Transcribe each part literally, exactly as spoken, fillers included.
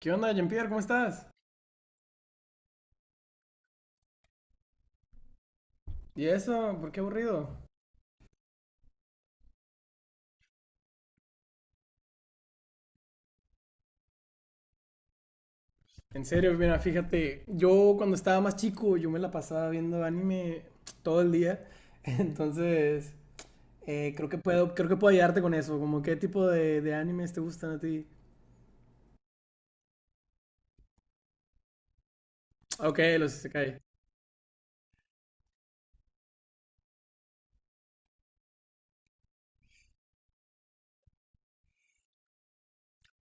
¿Qué onda, Jean-Pierre? ¿Cómo estás? ¿Y eso? ¿Por qué aburrido? En serio, mira, fíjate, yo cuando estaba más chico, yo me la pasaba viendo anime todo el día, entonces eh, creo que puedo, creo que puedo ayudarte con eso, como qué tipo de, de animes te gustan a ti. Ok, los isekai.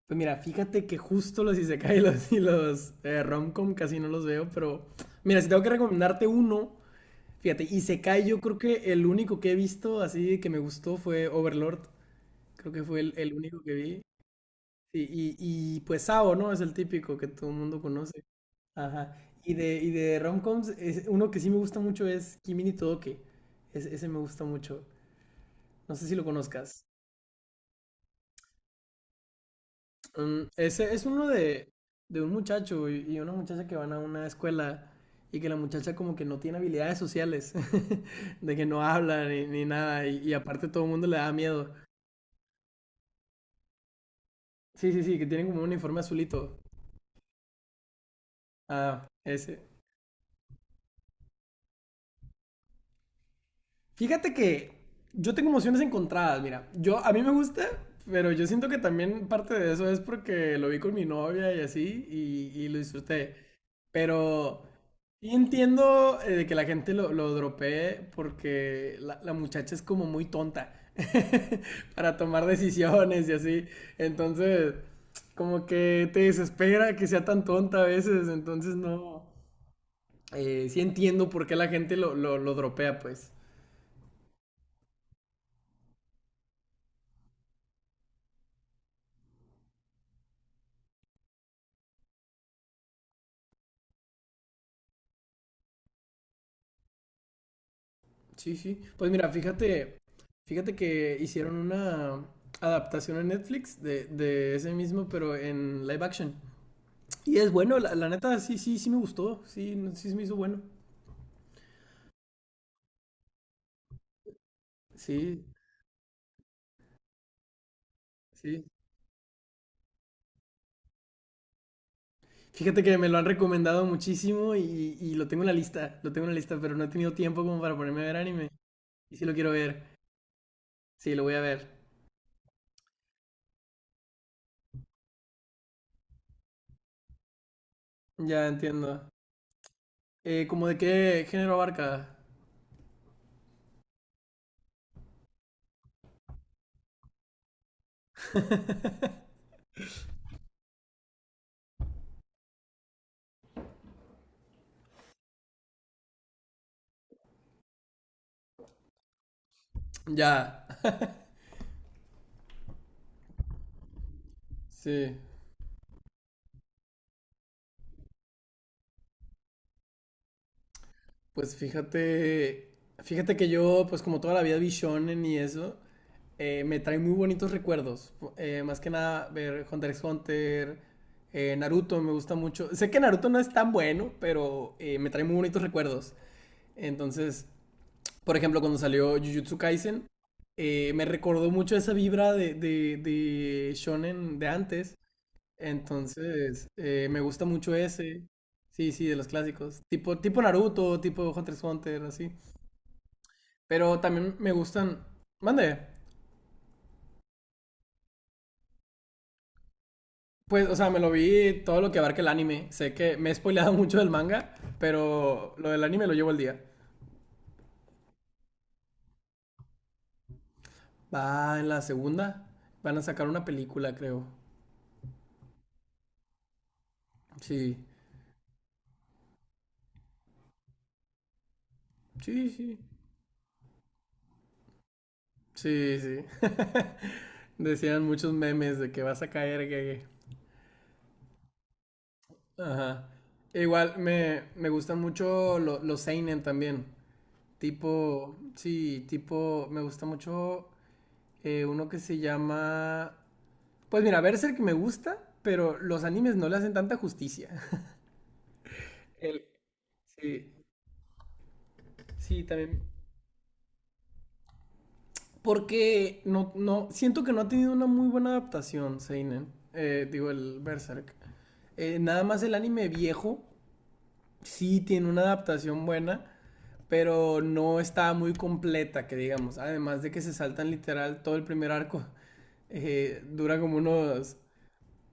Pues mira, fíjate que justo los isekai y los, y los eh, romcom casi no los veo, pero mira, si tengo que recomendarte uno, fíjate, isekai yo creo que el único que he visto así que me gustó fue Overlord. Creo que fue el, el único que vi. Sí, y, y pues Sao, ¿no? Es el típico que todo el mundo conoce. Ajá. Y de, y de romcoms, es- uno que sí me gusta mucho es Kimi ni Todoke. Ese, ese me gusta mucho. No sé si lo conozcas. Mm, ese es uno de, de un muchacho y, y una muchacha que van a una escuela y que la muchacha como que no tiene habilidades sociales, de que no habla ni, ni nada y, y aparte todo el mundo le da miedo. Sí, sí, sí, que tiene como un uniforme azulito. Ah, ese. Fíjate que yo tengo emociones encontradas, mira. Yo, a mí me gusta, pero yo siento que también parte de eso es porque lo vi con mi novia y así, y, y lo disfruté. Pero sí entiendo eh, de que la gente lo, lo dropee porque la, la muchacha es como muy tonta para tomar decisiones y así. Entonces, como que te desespera que sea tan tonta a veces. Entonces, no. Eh, sí entiendo por qué la gente lo, lo, lo dropea, pues. Sí, sí. Pues mira, fíjate, fíjate que hicieron una adaptación en Netflix de, de ese mismo, pero en live action. Y es bueno, la, la neta, sí, sí, sí me gustó. Sí, no- sí se me hizo bueno. Sí, sí. Fíjate que me lo han recomendado muchísimo y, y lo tengo en la lista. Lo tengo en la lista, pero no he tenido tiempo como para ponerme a ver anime. Y sí lo quiero ver. Sí, lo voy a ver. Ya entiendo. Eh, ¿cómo de qué género abarca? Ya. Sí. Pues fíjate, fíjate que yo, pues como toda la vida vi shonen y eso, eh, me trae muy bonitos recuerdos. Eh, más que nada ver Hunter x Hunter, eh, Naruto me gusta mucho. Sé que Naruto no es tan bueno, pero eh, me trae muy bonitos recuerdos. Entonces, por ejemplo, cuando salió Jujutsu Kaisen, eh, me recordó mucho esa vibra de, de, de shonen de antes. Entonces, eh, me gusta mucho ese. Sí, sí, de los clásicos. Tipo, tipo Naruto, tipo Hunter x Hunter, así. Pero también me gustan. Mande. Pues, o sea, me lo vi todo lo que abarca el anime. Sé que me he spoileado mucho del manga, pero lo del anime lo llevo al día. Va en la segunda. Van a sacar una película, creo. Sí. Sí, sí. Sí, sí. Decían muchos memes de que vas a caer, que. Ajá. Igual me, me gustan mucho lo- los seinen también. Tipo, sí, tipo, me gusta mucho eh, uno que se llama. Pues mira, Berserk me gusta, pero los animes no le hacen tanta justicia. El- sí, sí, también. Porque no, no, siento que no ha tenido una muy buena adaptación, Seinen. Eh, digo, el Berserk. Eh, nada más el anime viejo sí tiene una adaptación buena, pero no está muy completa, que digamos. Además de que se saltan literal todo el primer arco. Eh, dura como unos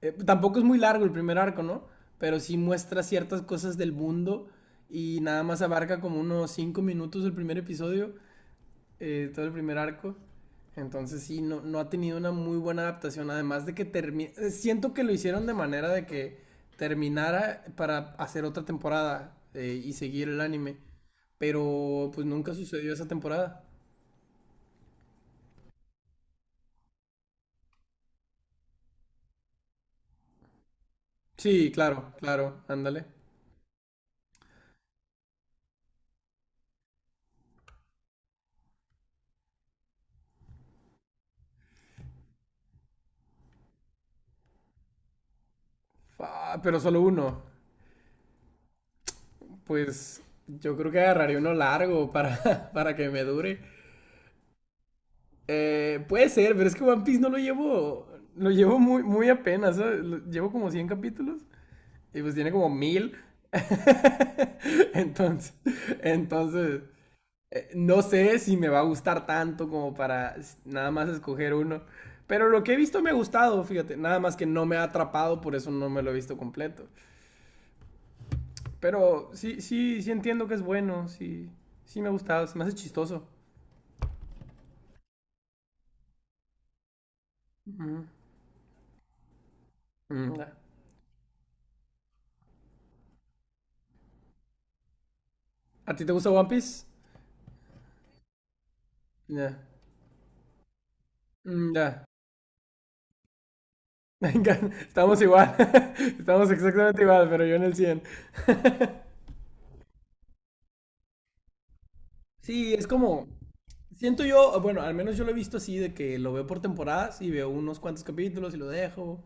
eh, tampoco es muy largo el primer arco, ¿no? Pero sí muestra ciertas cosas del mundo y nada más abarca como unos cinco minutos el primer episodio, eh, todo el primer arco. Entonces sí, no, no ha tenido una muy buena adaptación, además de que termina... Siento que lo hicieron de manera de que terminara para hacer otra temporada eh, y seguir el anime, pero pues nunca sucedió esa temporada. Sí, claro, claro, ándale. Fa- Pero solo uno. Pues yo creo que agarraría uno largo para, para que me dure. Eh, puede ser, pero es que One Piece no lo llevo. Lo llevo muy, muy apenas, ¿sabes? Lo- Llevo como cien capítulos y pues tiene como mil. Entonces, entonces, eh, no sé si me va a gustar tanto como para s- nada más escoger uno. Pero lo que he visto me ha gustado, fíjate. Nada más que no me ha atrapado, por eso no me lo he visto completo. Pero sí, sí, sí entiendo que es bueno, sí, sí me ha gustado, se me hace chistoso. Mm. Ya. ¿A ti te gusta One Piece? Ya. Mm, ya. Venga, estamos igual. Estamos exactamente igual, pero yo en el cien. Sí, es como. Siento yo, bueno, al menos yo lo he visto así, de que lo veo por temporadas y veo unos cuantos capítulos y lo dejo.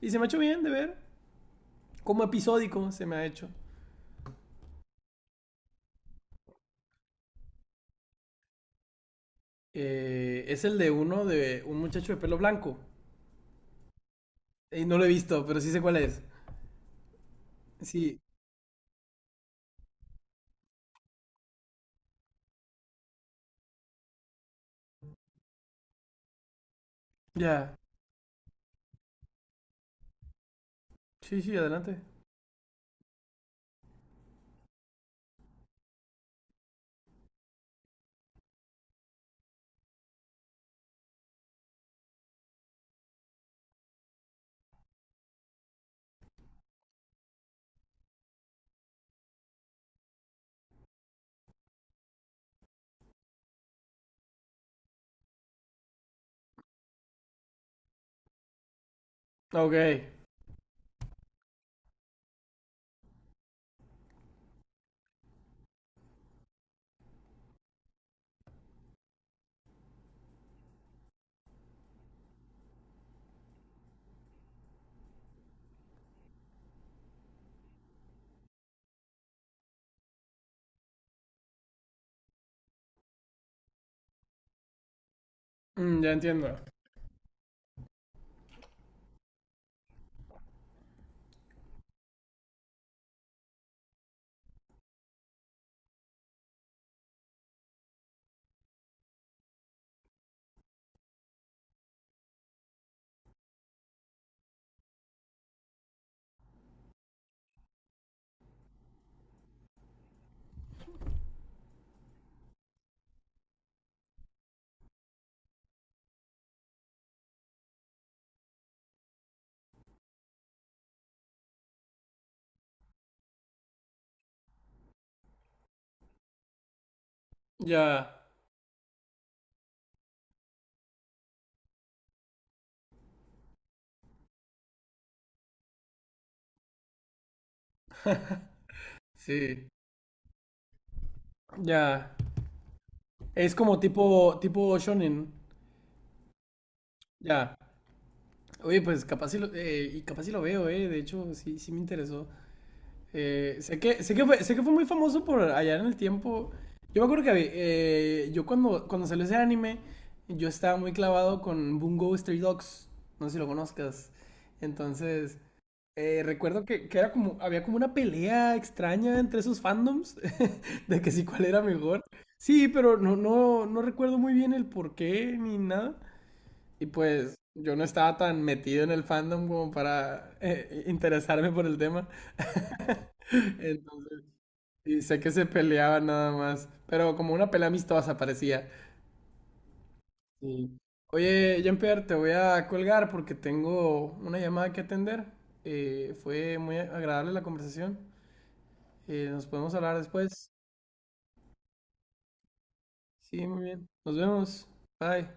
Y se me ha hecho bien de ver. Como episódico se me ha hecho. Eh, es el de uno de un muchacho de pelo blanco. Y no lo he visto, pero sí sé cuál es. Sí, ya. Sí, sí, adelante. Ok. Mm, ya entiendo. Ya. Sí, ya. Es como tipo, tipo shonen. Ya. Oye, pues capaz sí lo, eh, y capaz sí lo veo, eh. De hecho, sí, sí me interesó. Eh, sé que, sé que fue, sé que fue muy famoso por allá en el tiempo. Yo me acuerdo que eh, yo cuando, cuando salió ese anime, yo estaba muy clavado con Bungo Stray Dogs. No sé si lo conozcas. Entonces, Eh, recuerdo que, que era como, había como una pelea extraña entre esos fandoms de que si cuál era mejor. Sí, pero no, no, no recuerdo muy bien el por qué ni nada. Y pues yo no estaba tan metido en el fandom como para eh, interesarme por el tema. Entonces, y sé que se peleaban nada más, pero como una pelea amistosa parecía. Sí. Oye, Jean-Pierre, te voy a colgar porque tengo una llamada que atender. Eh, fue muy agradable la conversación. Eh, nos podemos hablar después. Sí, muy bien. Nos vemos. Bye.